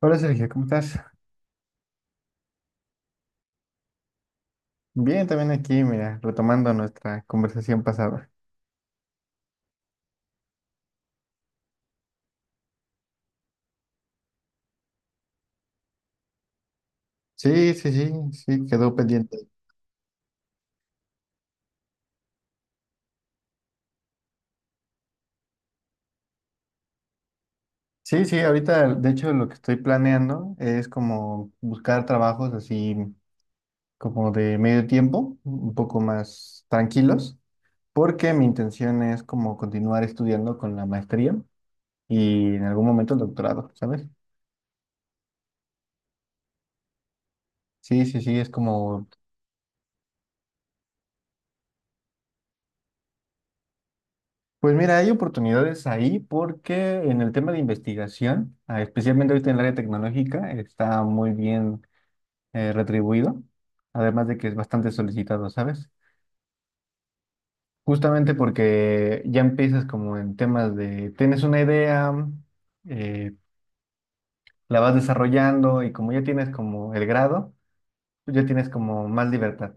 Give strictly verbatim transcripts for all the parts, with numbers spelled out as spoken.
Hola Sergio, ¿cómo estás? Bien, también aquí, mira, retomando nuestra conversación pasada. Sí, sí, sí, sí, quedó pendiente. Sí, sí, ahorita de hecho lo que estoy planeando es como buscar trabajos así como de medio tiempo, un poco más tranquilos, porque mi intención es como continuar estudiando con la maestría y en algún momento el doctorado, ¿sabes? Sí, sí, sí, es como. Pues mira, hay oportunidades ahí porque en el tema de investigación, ah, especialmente ahorita en el área tecnológica, está muy bien eh, retribuido, además de que es bastante solicitado, ¿sabes? Justamente porque ya empiezas como en temas de, tienes una idea, eh, la vas desarrollando y como ya tienes como el grado, tú ya tienes como más libertad.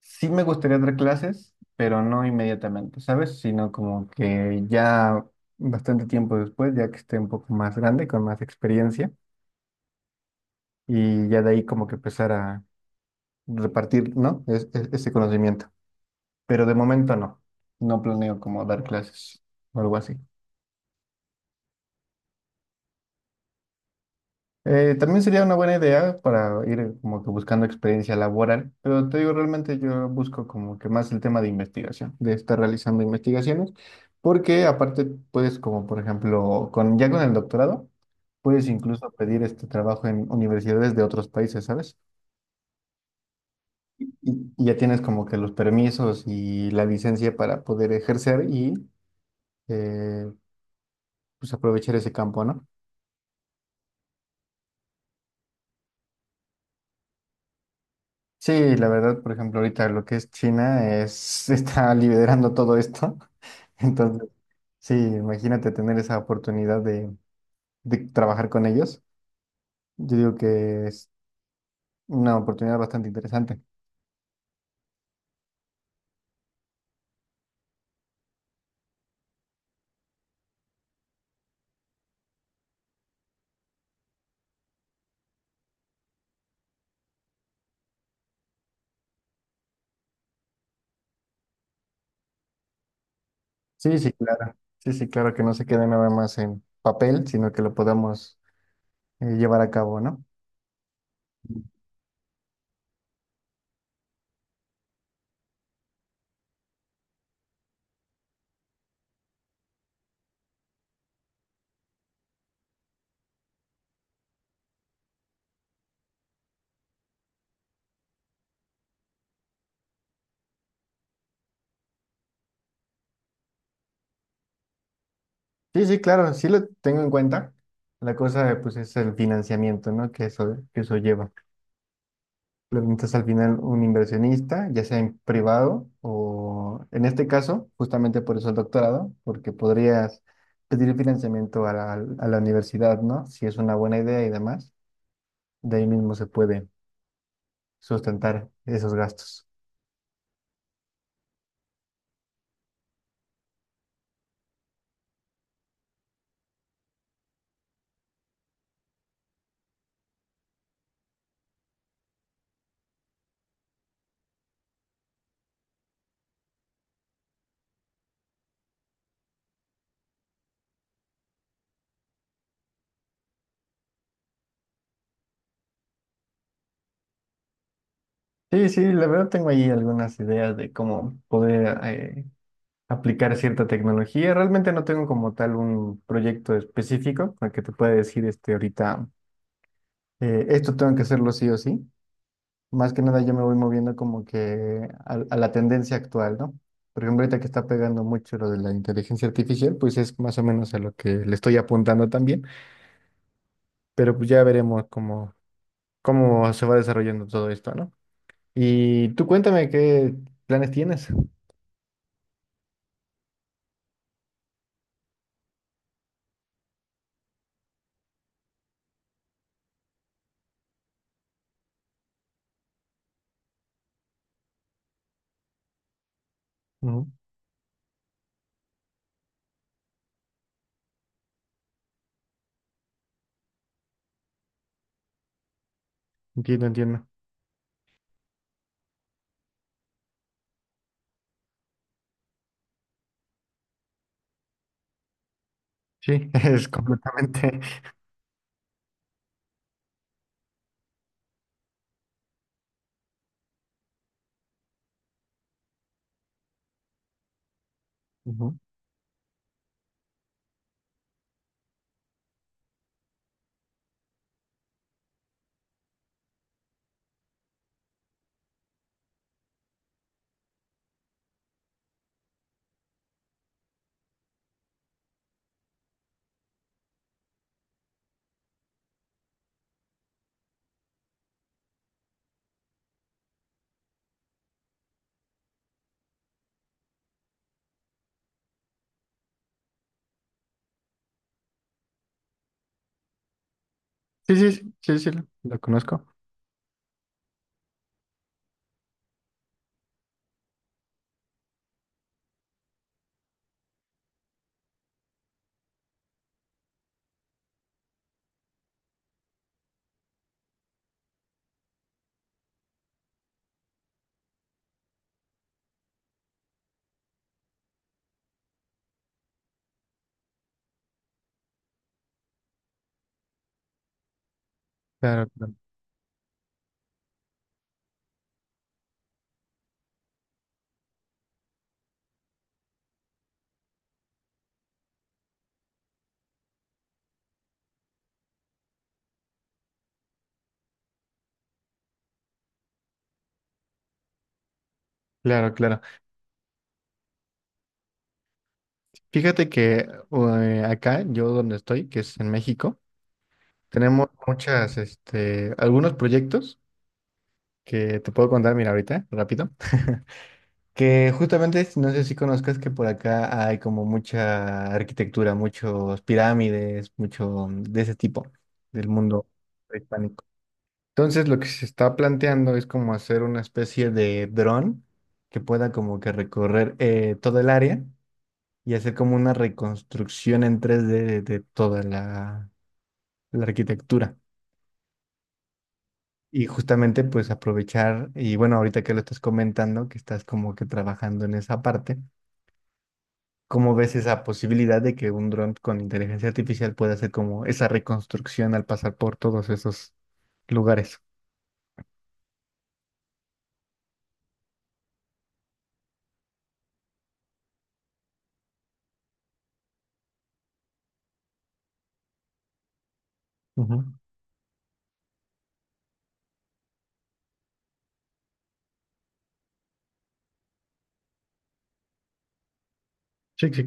Sí me gustaría dar clases, pero no inmediatamente, ¿sabes? Sino como que ya bastante tiempo después, ya que esté un poco más grande, con más experiencia, y ya de ahí como que empezar a repartir, ¿no? Es- es- ese conocimiento. Pero de momento no, no planeo como dar clases o algo así. Eh, también sería una buena idea para ir como que buscando experiencia laboral, pero te digo, realmente yo busco como que más el tema de investigación, de estar realizando investigaciones, porque aparte puedes como por ejemplo, con, ya con el doctorado, puedes incluso pedir este trabajo en universidades de otros países, ¿sabes? Y, y ya tienes como que los permisos y la licencia para poder ejercer y eh, pues aprovechar ese campo, ¿no? Sí, la verdad, por ejemplo, ahorita lo que es China es, está liderando todo esto. Entonces, sí, imagínate tener esa oportunidad de, de, trabajar con ellos. Yo digo que es una oportunidad bastante interesante. Sí, sí, claro. Sí, sí, claro que no se quede nada más en papel, sino que lo podamos eh, llevar a cabo, ¿no? Sí, sí, claro, sí lo tengo en cuenta. La cosa, pues, es el financiamiento, ¿no? Que eso, que eso, lleva. Preguntas al final un inversionista, ya sea en privado o en este caso, justamente por eso el doctorado, porque podrías pedir financiamiento a la, a la universidad, ¿no? Si es una buena idea y demás, de ahí mismo se puede sustentar esos gastos. Sí, sí, la verdad tengo ahí algunas ideas de cómo poder eh, aplicar cierta tecnología. Realmente no tengo como tal un proyecto específico al que te pueda decir este ahorita, eh, esto tengo que hacerlo sí o sí. Más que nada yo me voy moviendo como que a, a, la tendencia actual, ¿no? Por ejemplo, ahorita que está pegando mucho lo de la inteligencia artificial, pues es más o menos a lo que le estoy apuntando también, pero pues ya veremos cómo, cómo, se va desarrollando todo esto, ¿no? Y tú cuéntame qué planes tienes. Ujú, entiendo, entiendo. Sí, es completamente. Ujú. Sí, sí, sí, sí, sí, lo, lo conozco. Claro, claro, claro. Claro. Fíjate que eh, acá, yo donde estoy, que es en México, tenemos muchas, este, algunos proyectos que te puedo contar, mira, ahorita, rápido, que justamente, si no sé si conozcas que por acá hay como mucha arquitectura, muchos pirámides, mucho de ese tipo del mundo prehispánico. Entonces, lo que se está planteando es como hacer una especie de dron que pueda como que recorrer eh, todo el área y hacer como una reconstrucción en tres D de, de, toda la la arquitectura. Y justamente pues aprovechar, y bueno, ahorita que lo estás comentando, que estás como que trabajando en esa parte, ¿cómo ves esa posibilidad de que un dron con inteligencia artificial pueda hacer como esa reconstrucción al pasar por todos esos lugares? Ujú. Sí, sí.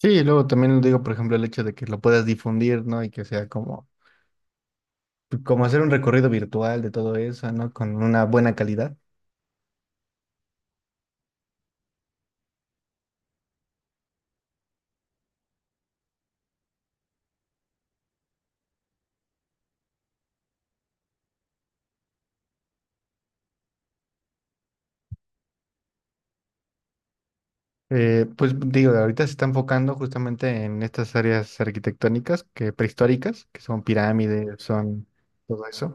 Sí, y luego también digo, por ejemplo, el hecho de que lo puedas difundir, ¿no? Y que sea como, como, hacer un recorrido virtual de todo eso, ¿no? Con una buena calidad. Eh, pues digo, ahorita se está enfocando justamente en estas áreas arquitectónicas que prehistóricas, que son pirámides, son todo eso.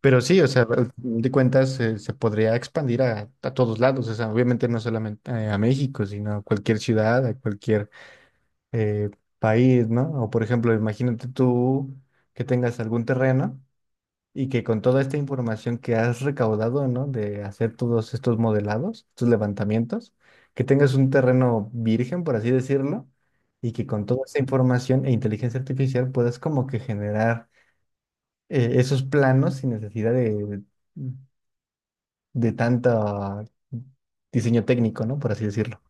Pero sí, o sea, al fin de cuentas eh, se podría expandir a, a todos lados, o sea, obviamente no solamente eh, a México, sino a cualquier ciudad, a cualquier eh, país, ¿no? O por ejemplo, imagínate tú que tengas algún terreno. Y que con toda esta información que has recaudado, ¿no? De hacer todos estos modelados, estos levantamientos, que tengas un terreno virgen, por así decirlo, y que con toda esta información e inteligencia artificial puedas como que generar eh, esos planos sin necesidad de, de, tanto diseño técnico, ¿no? Por así decirlo.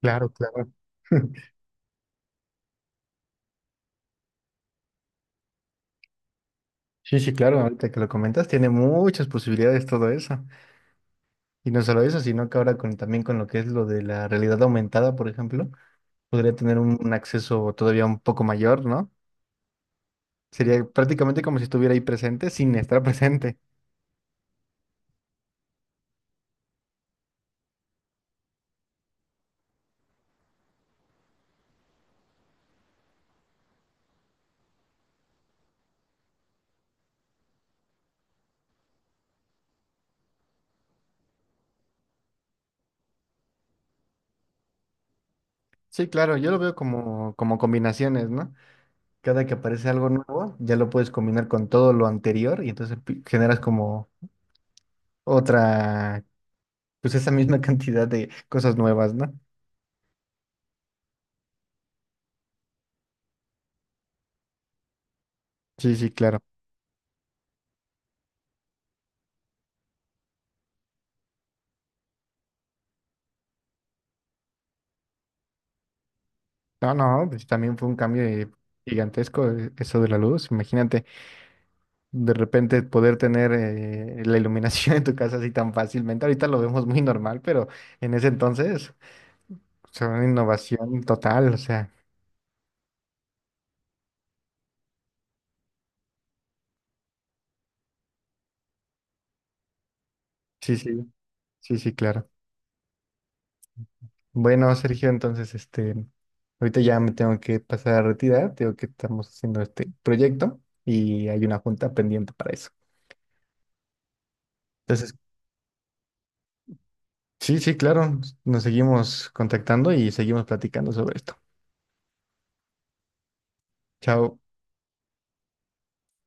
Claro, claro. Sí, sí, claro, ahorita que lo comentas, tiene muchas posibilidades todo eso. Y no solo eso, sino que ahora con, también con lo que es lo de la realidad aumentada, por ejemplo. Podría tener un, un, acceso todavía un poco mayor, ¿no? Sería prácticamente como si estuviera ahí presente sin estar presente. Sí, claro, yo lo veo como, como combinaciones, ¿no? Cada que aparece algo nuevo, ya lo puedes combinar con todo lo anterior y entonces pi- generas como otra, pues esa misma cantidad de cosas nuevas, ¿no? Sí, sí, claro. No, no, pues también fue un cambio eh, gigantesco eh, eso de la luz. Imagínate, de repente poder tener eh, la iluminación en tu casa así tan fácilmente. Ahorita lo vemos muy normal, pero en ese entonces fue una innovación total, o sea, sí, sí, sí, sí, claro. Bueno, Sergio, entonces, este, ahorita ya me tengo que pasar a retirar, tengo que estamos haciendo este proyecto y hay una junta pendiente para eso. Entonces, sí, sí, claro, nos seguimos contactando y seguimos platicando sobre esto. Chao.